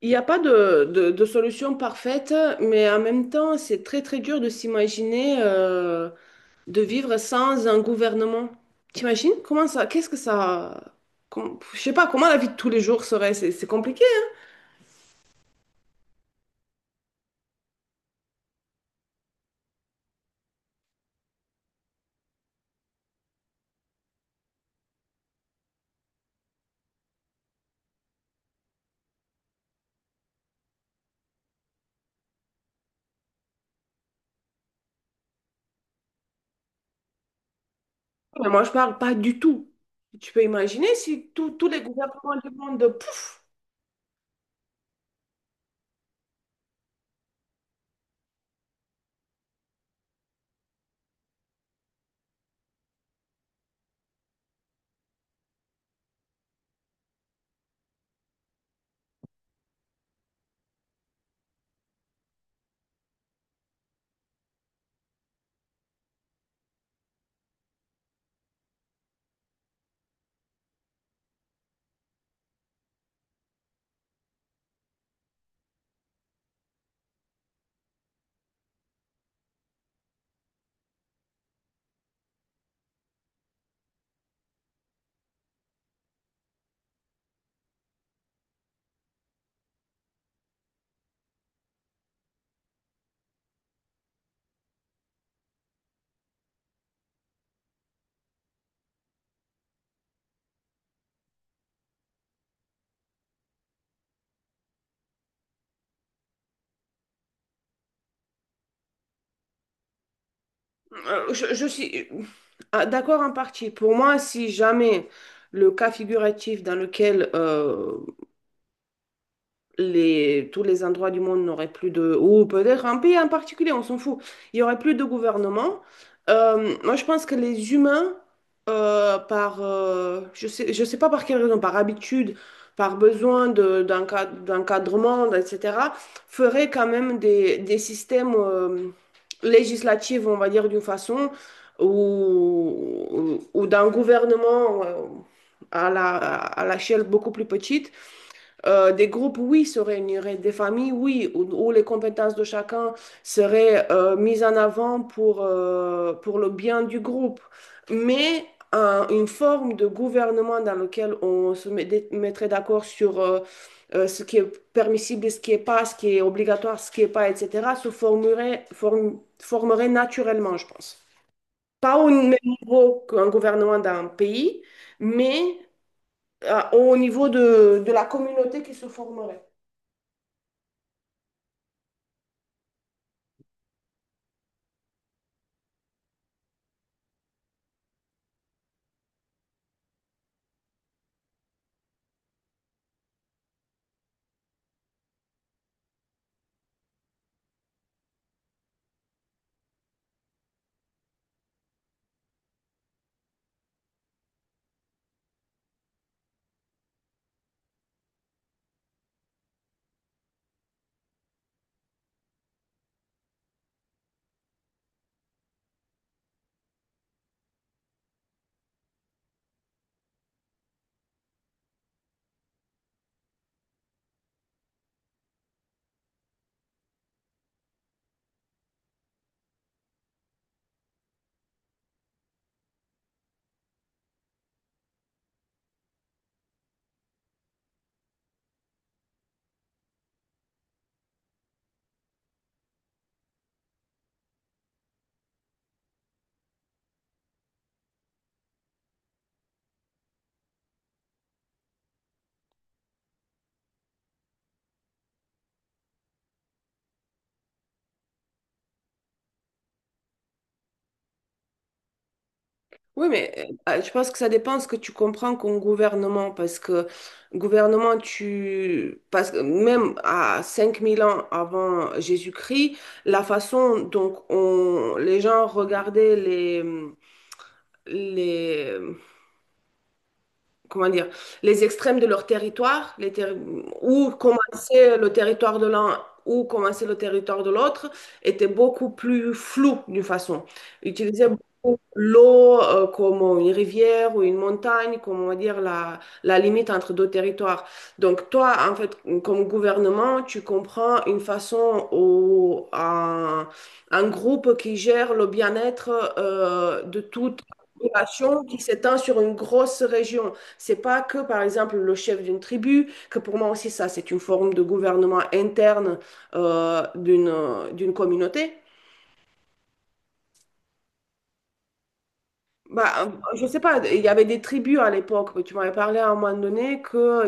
Il n'y a pas de solution parfaite, mais en même temps, c'est très très dur de s'imaginer de vivre sans un gouvernement. T'imagines? Comment ça? Qu'est-ce que ça... je sais pas, comment la vie de tous les jours serait? C'est compliqué, mais moi je parle pas du tout. Tu peux imaginer si tous tous les gouvernements du monde, pouf! Je suis d'accord en partie. Pour moi, si jamais le cas figuratif dans lequel... les, tous les endroits du monde n'auraient plus de... Ou peut-être un pays en particulier, on s'en fout. Il n'y aurait plus de gouvernement. Je pense que les humains, je sais pas par quelle raison, par habitude, par besoin d'un d'encadrement, etc., feraient quand même des systèmes législatifs, on va dire, d'une façon, ou, ou d'un gouvernement... à à l'échelle beaucoup plus petite, des groupes, oui, se réuniraient, des familles, oui, où les compétences de chacun seraient mises en avant pour le bien du groupe. Mais une forme de gouvernement dans lequel on mettrait d'accord sur ce qui est permissible et ce qui est pas, ce qui est obligatoire, ce qui est pas, etc., se formerait, formerait naturellement, je pense. Pas au même niveau qu'un gouvernement d'un pays, mais au niveau de la communauté qui se formerait. Oui, mais bah, je pense que ça dépend ce que tu comprends comme gouvernement, parce que gouvernement, tu... parce que même à 5000 ans avant Jésus-Christ, la façon dont on... les gens regardaient les, comment dire, les extrêmes de leur territoire, où commençait le territoire de l'un, où commençait le territoire de l'autre, était beaucoup plus flou d'une façon. Ils utilisaient beaucoup l'eau comme une rivière ou une montagne, comme on va dire la limite entre deux territoires. Donc toi, en fait, comme gouvernement, tu comprends une façon ou un groupe qui gère le bien-être de toute population qui s'étend sur une grosse région. C'est pas que, par exemple, le chef d'une tribu, que pour moi aussi, ça, c'est une forme de gouvernement interne d'une communauté. Bah, je sais pas, il y avait des tribus à l'époque. Tu m'avais parlé à un moment donné que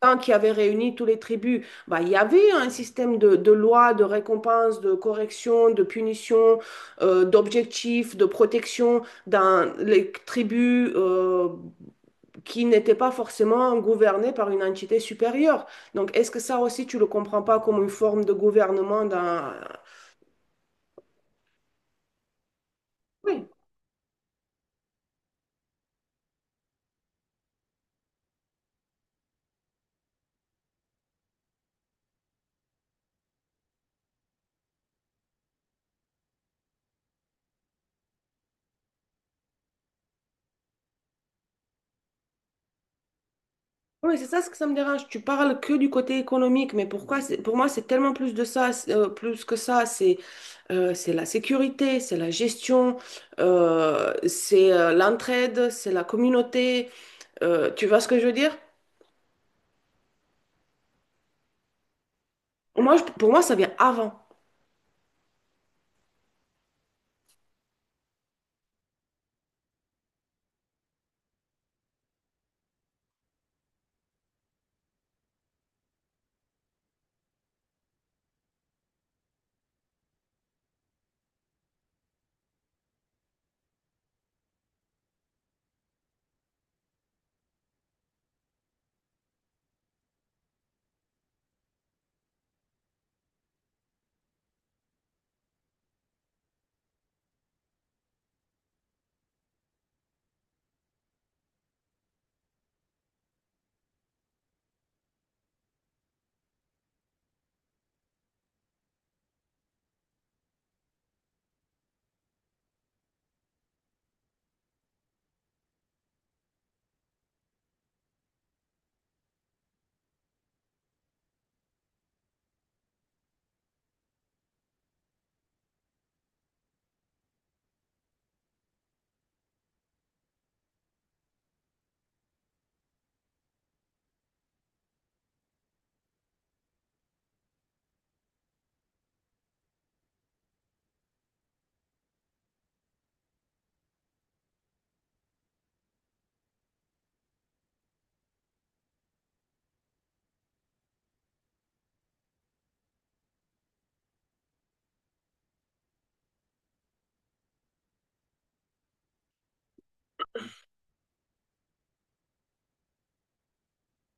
quand qui avait réuni tous les tribus, bah, il y avait un système de loi, de récompense, de correction, de punition, d'objectifs, de protection dans les tribus. Qui n'étaient pas forcément gouvernés par une entité supérieure. Donc, est-ce que ça aussi, tu le comprends pas comme une forme de gouvernement d'un... Oui, oui, c'est ça ce que ça me dérange. Tu parles que du côté économique, mais pour moi, c'est tellement plus de ça, c'est, plus que ça. C'est la sécurité, c'est la gestion, c'est l'entraide, c'est la communauté. Tu vois ce que je veux dire? Pour moi, ça vient avant.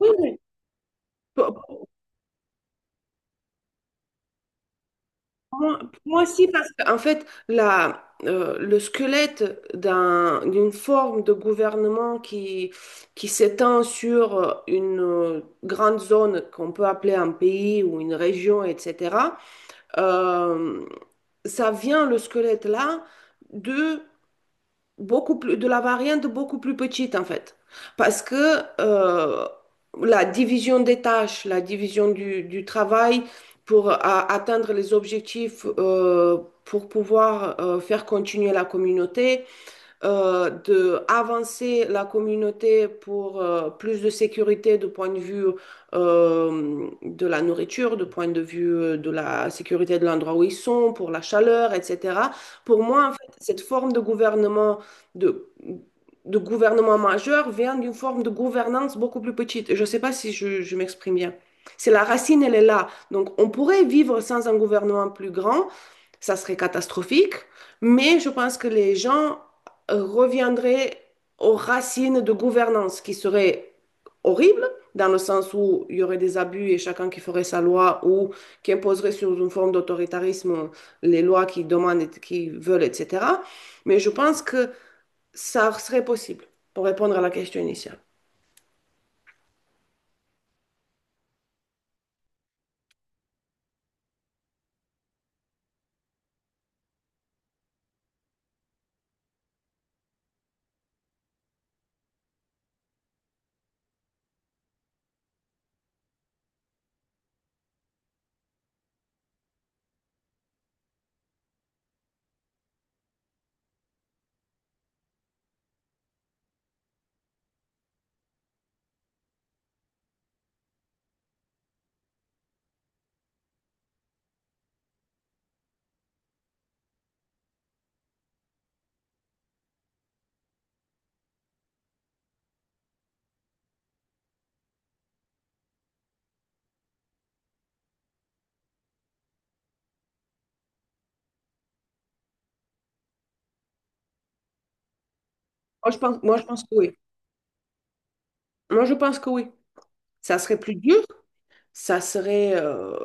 Oui, oui. Pour, moi, moi aussi, parce qu'en fait, le squelette d'une forme de gouvernement qui s'étend sur une grande zone qu'on peut appeler un pays ou une région, etc., euh, ça vient, le squelette là, de beaucoup plus, de la variante beaucoup plus petite en fait. Parce que la division des tâches, la division du travail pour atteindre les objectifs, pour pouvoir faire continuer la communauté, de avancer la communauté pour plus de sécurité du point de vue de la nourriture, du point de vue de la sécurité de l'endroit où ils sont, pour la chaleur, etc. Pour moi, en fait, cette forme de gouvernement de de gouvernement majeur vient d'une forme de gouvernance beaucoup plus petite. Je ne sais pas si je m'exprime bien. C'est la racine, elle est là. Donc, on pourrait vivre sans un gouvernement plus grand, ça serait catastrophique, mais je pense que les gens reviendrait aux racines de gouvernance, qui serait horrible, dans le sens où il y aurait des abus et chacun qui ferait sa loi ou qui imposerait sur une forme d'autoritarisme les lois qui demandent, et qui veulent, etc. Mais je pense que ça serait possible pour répondre à la question initiale. Moi, je pense que oui. Moi, je pense que oui. Ça serait plus dur, ça serait euh,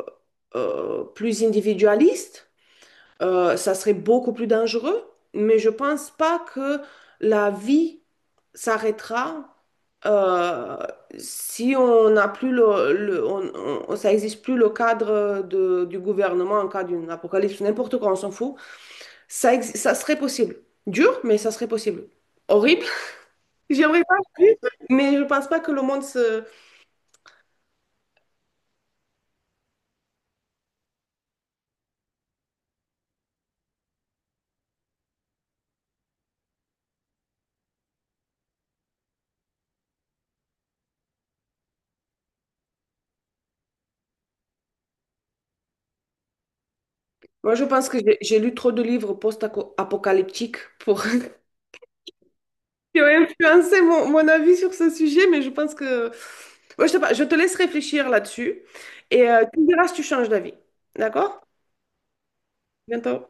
euh, plus individualiste. Euh, ça serait beaucoup plus dangereux, mais je pense pas que la vie s'arrêtera euh, si on n'a plus ça existe plus le cadre du gouvernement en cas d'une apocalypse, n'importe quoi, on s'en fout. Ça serait possible. Dur, mais ça serait possible. Horrible. J'aimerais pas vivre, mais je pense pas que le monde se... Moi, je pense que j'ai lu trop de livres post-apocalyptiques pour Tu as influencé mon avis sur ce sujet, mais je pense que... Ouais, je sais pas, je te laisse réfléchir là-dessus et tu me diras si tu changes d'avis. D'accord? Bientôt.